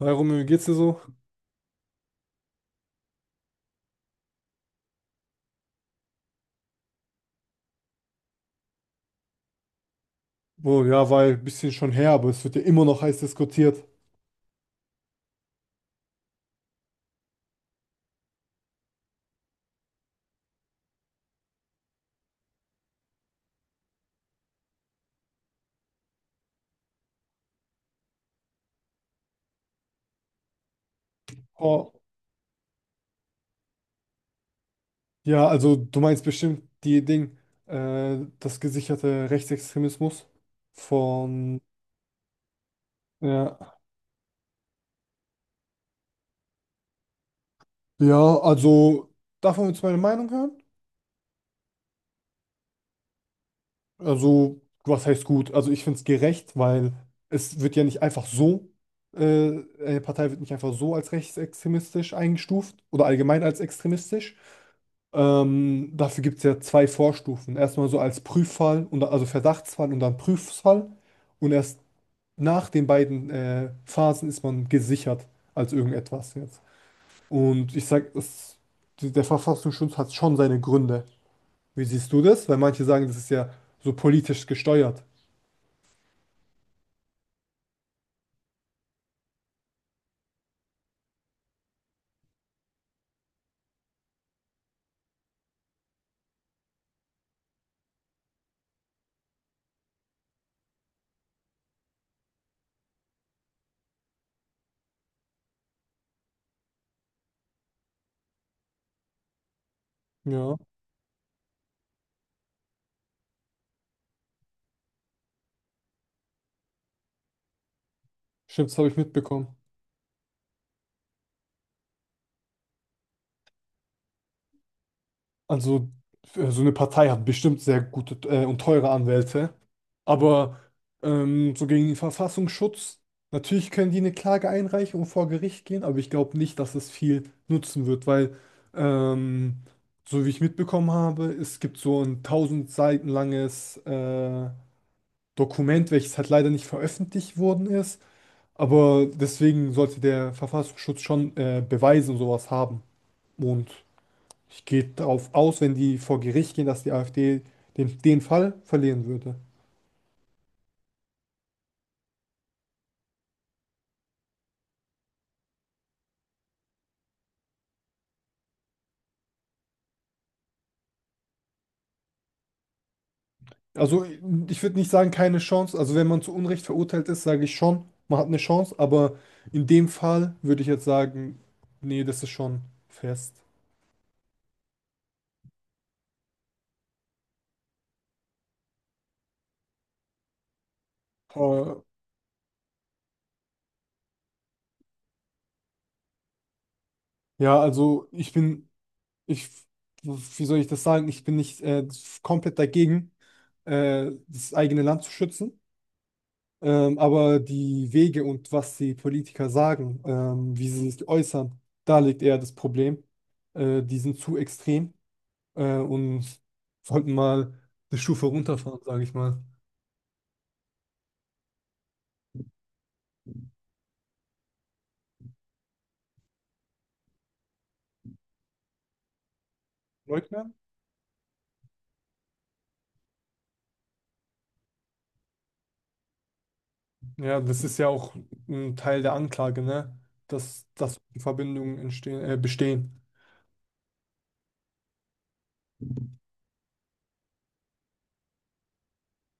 Hi Romeo, wie geht's dir so? Oh ja, weil ein bisschen schon her, aber es wird ja immer noch heiß diskutiert. Oh, ja, also du meinst bestimmt die Ding, das gesicherte Rechtsextremismus von, ja. Ja, also darf man jetzt meine Meinung hören? Also, was heißt gut? Also ich finde es gerecht, weil es wird ja nicht einfach so, eine Partei wird nicht einfach so als rechtsextremistisch eingestuft oder allgemein als extremistisch. Dafür gibt es ja zwei Vorstufen. Erstmal so als Prüffall, und, also Verdachtsfall und dann Prüffall. Und erst nach den beiden Phasen ist man gesichert als irgendetwas jetzt. Und ich sag, es, der Verfassungsschutz hat schon seine Gründe. Wie siehst du das? Weil manche sagen, das ist ja so politisch gesteuert. Ja, stimmt, das habe ich mitbekommen. Also, so eine Partei hat bestimmt sehr gute und teure Anwälte. Aber so gegen den Verfassungsschutz, natürlich können die eine Klage einreichen und vor Gericht gehen, aber ich glaube nicht, dass es viel nutzen wird, weil, ähm, so wie ich mitbekommen habe, es gibt so ein 1.000 Seiten langes Dokument, welches halt leider nicht veröffentlicht worden ist, aber deswegen sollte der Verfassungsschutz schon Beweise und sowas haben. Und ich gehe darauf aus, wenn die vor Gericht gehen, dass die AfD den Fall verlieren würde. Also ich würde nicht sagen, keine Chance. Also wenn man zu Unrecht verurteilt ist, sage ich schon, man hat eine Chance. Aber in dem Fall würde ich jetzt sagen, nee, das ist schon fest. Äh, ja, also ich bin, ich, wie soll ich das sagen? Ich bin nicht komplett dagegen, das eigene Land zu schützen. Aber die Wege und was die Politiker sagen, wie sie sich äußern, da liegt eher das Problem. Die sind zu extrem. Und wollten mal eine Stufe runterfahren, sage ich mal. Leugner? Ja, das ist ja auch ein Teil der Anklage, ne? Dass Verbindungen entstehen, bestehen.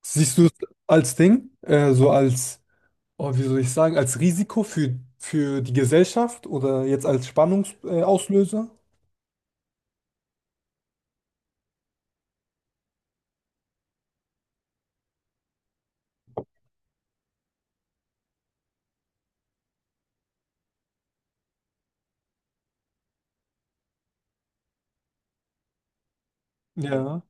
Siehst du es als Ding, so als, oh, wie soll ich sagen, als Risiko für die Gesellschaft oder jetzt als Spannungsauslöser? Auslöser? Ja,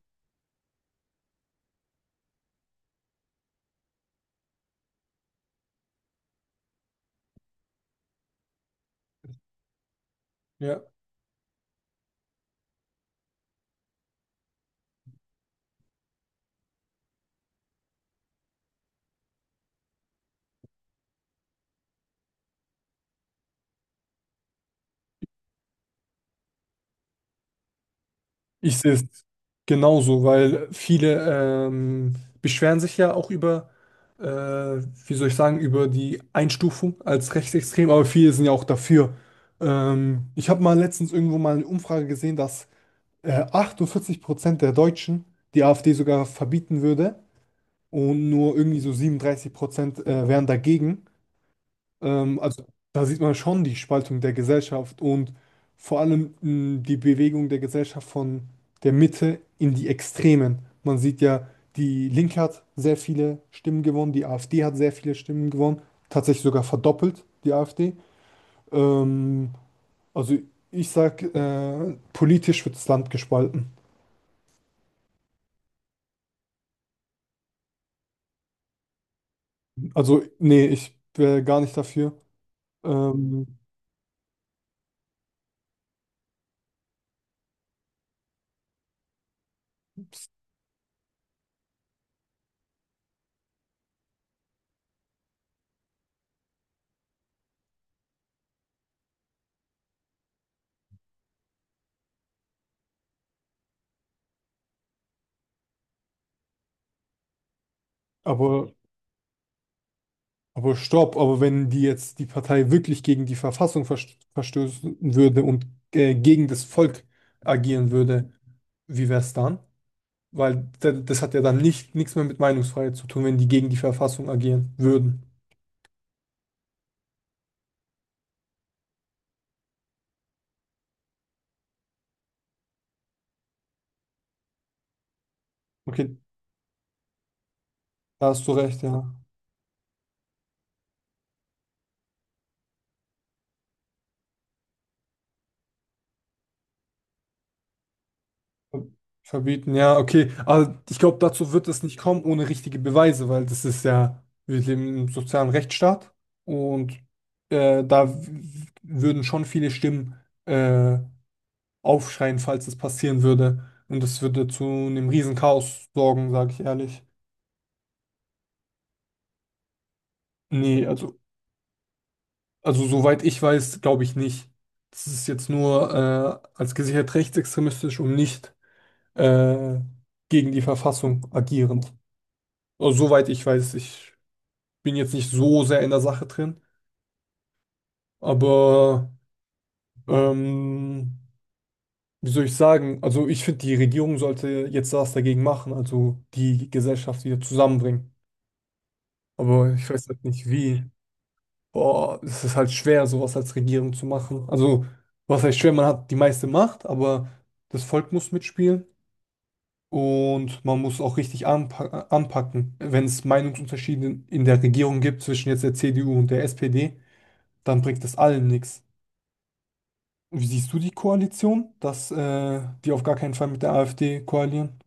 ja. Ich sehe es genauso, weil viele beschweren sich ja auch über, wie soll ich sagen, über die Einstufung als rechtsextrem, aber viele sind ja auch dafür. Ich habe mal letztens irgendwo mal eine Umfrage gesehen, dass 48% der Deutschen die AfD sogar verbieten würde und nur irgendwie so 37% wären dagegen. Also da sieht man schon die Spaltung der Gesellschaft und vor allem die Bewegung der Gesellschaft von der Mitte in die Extremen. Man sieht ja, die Linke hat sehr viele Stimmen gewonnen, die AfD hat sehr viele Stimmen gewonnen, tatsächlich sogar verdoppelt, die AfD. Ähm, also ich sag, politisch wird das Land gespalten. Also nee, ich wäre gar nicht dafür. Ähm, aber Aber stopp, aber wenn die jetzt die Partei wirklich gegen die Verfassung verstoßen würde und gegen das Volk agieren würde, wie wäre es dann? Weil das hat ja dann nicht, nichts mehr mit Meinungsfreiheit zu tun, wenn die gegen die Verfassung agieren würden. Okay, da hast du recht, ja. Ver- Verbieten, ja, okay. Aber ich glaube, dazu wird es nicht kommen ohne richtige Beweise, weil das ist ja, wir leben im sozialen Rechtsstaat und äh, da w- würden schon viele Stimmen. äh, Aufschreien, falls es passieren würde. Und das würde zu einem riesen Chaos sorgen, sage ich ehrlich. Nee, also soweit ich weiß, glaube ich nicht. Das ist jetzt nur als gesichert rechtsextremistisch und nicht äh, gegen die Verfassung agierend. Also, soweit ich weiß, ich bin jetzt nicht so sehr in der Sache drin, aber ähm, wie soll ich sagen? Also ich finde, die Regierung sollte jetzt was dagegen machen, also die Gesellschaft wieder zusammenbringen. Aber ich weiß halt nicht wie. Boah, es ist halt schwer, sowas als Regierung zu machen. Also, was heißt schwer? Man hat die meiste Macht, aber das Volk muss mitspielen und man muss auch richtig anpacken. Wenn es Meinungsunterschiede in der Regierung gibt zwischen jetzt der CDU und der SPD, dann bringt das allen nichts. Wie siehst du die Koalition, dass die auf gar keinen Fall mit der AfD koalieren?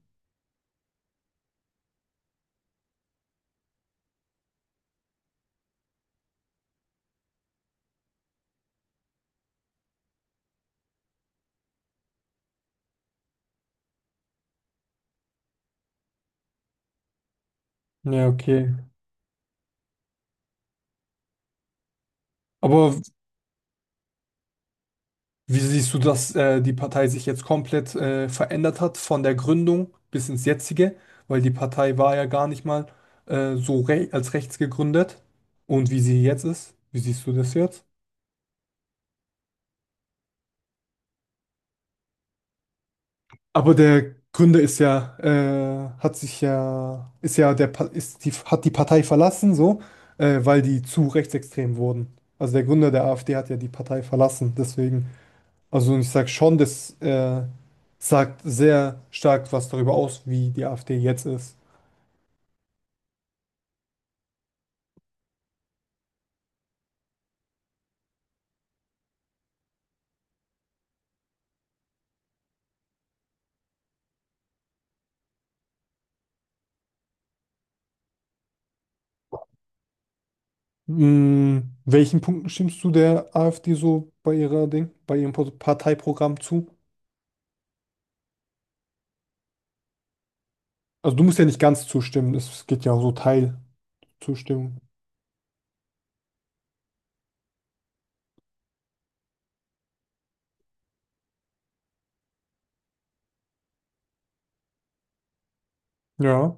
Ja, okay. Aber wie siehst du, dass die Partei sich jetzt komplett verändert hat von der Gründung bis ins jetzige? Weil die Partei war ja gar nicht mal so re als rechts gegründet. Und wie sie jetzt ist, wie siehst du das jetzt? Aber der Gründer ist ja, hat sich ja, ist ja der, ist die, hat die Partei verlassen, so, weil die zu rechtsextrem wurden. Also der Gründer der AfD hat ja die Partei verlassen, deswegen. Also ich sage schon, das sagt sehr stark was darüber aus, wie die AfD jetzt ist. Mm, Welchen Punkten stimmst du der AfD so bei ihrer Ding, bei ihrem Parteiprogramm zu? Also du musst ja nicht ganz zustimmen, es geht ja auch so Teilzustimmung. Ja.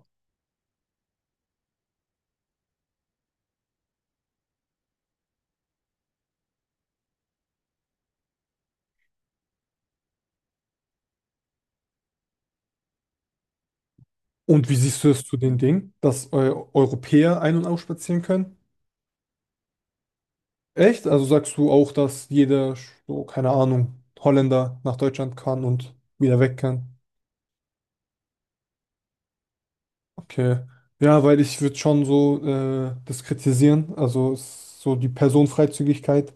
Und wie siehst du es zu den Dingen, dass Europäer ein- und ausspazieren können? Echt? Also sagst du auch, dass jeder, so, keine Ahnung, Holländer nach Deutschland kann und wieder weg kann? Okay. Ja, weil ich würde schon so das kritisieren, also so die Personenfreizügigkeit,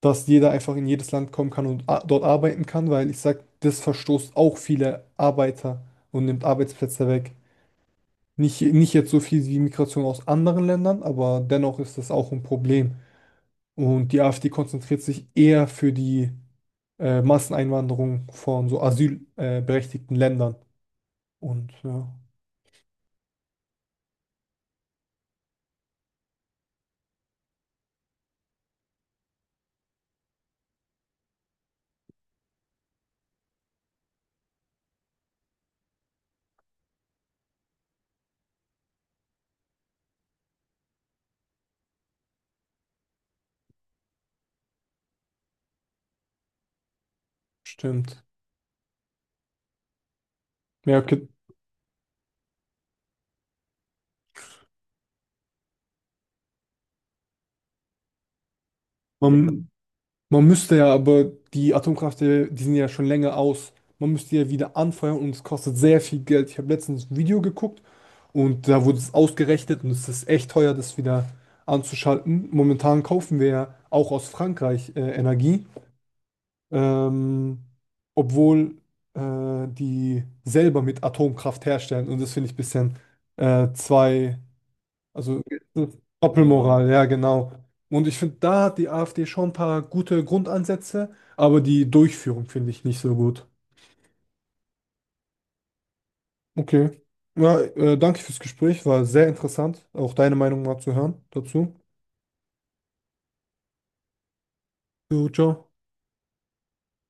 dass jeder einfach in jedes Land kommen kann und dort arbeiten kann, weil ich sag, das verstoßt auch viele Arbeiter und nimmt Arbeitsplätze weg. Nicht, nicht jetzt so viel wie Migration aus anderen Ländern, aber dennoch ist das auch ein Problem. Und die AfD konzentriert sich eher für die Masseneinwanderung von so asylberechtigten berechtigten Ländern. Und ja, stimmt. Ja, okay. Man, Man müsste ja, aber die Atomkraftwerke, die sind ja schon länger aus. Man müsste ja wieder anfeuern und es kostet sehr viel Geld. Ich habe letztens ein Video geguckt und da wurde es ausgerechnet und es ist echt teuer, das wieder anzuschalten. Momentan kaufen wir ja auch aus Frankreich Energie, ähm, obwohl die selber mit Atomkraft herstellen und das finde ich ein bisschen zwei also äh, Doppelmoral, ja, genau. Und ich finde, da hat die AfD schon ein paar gute Grundansätze, aber die Durchführung finde ich nicht so gut. Okay. Ja, danke fürs Gespräch, war sehr interessant, auch deine Meinung mal zu hören dazu. Jo, ciao.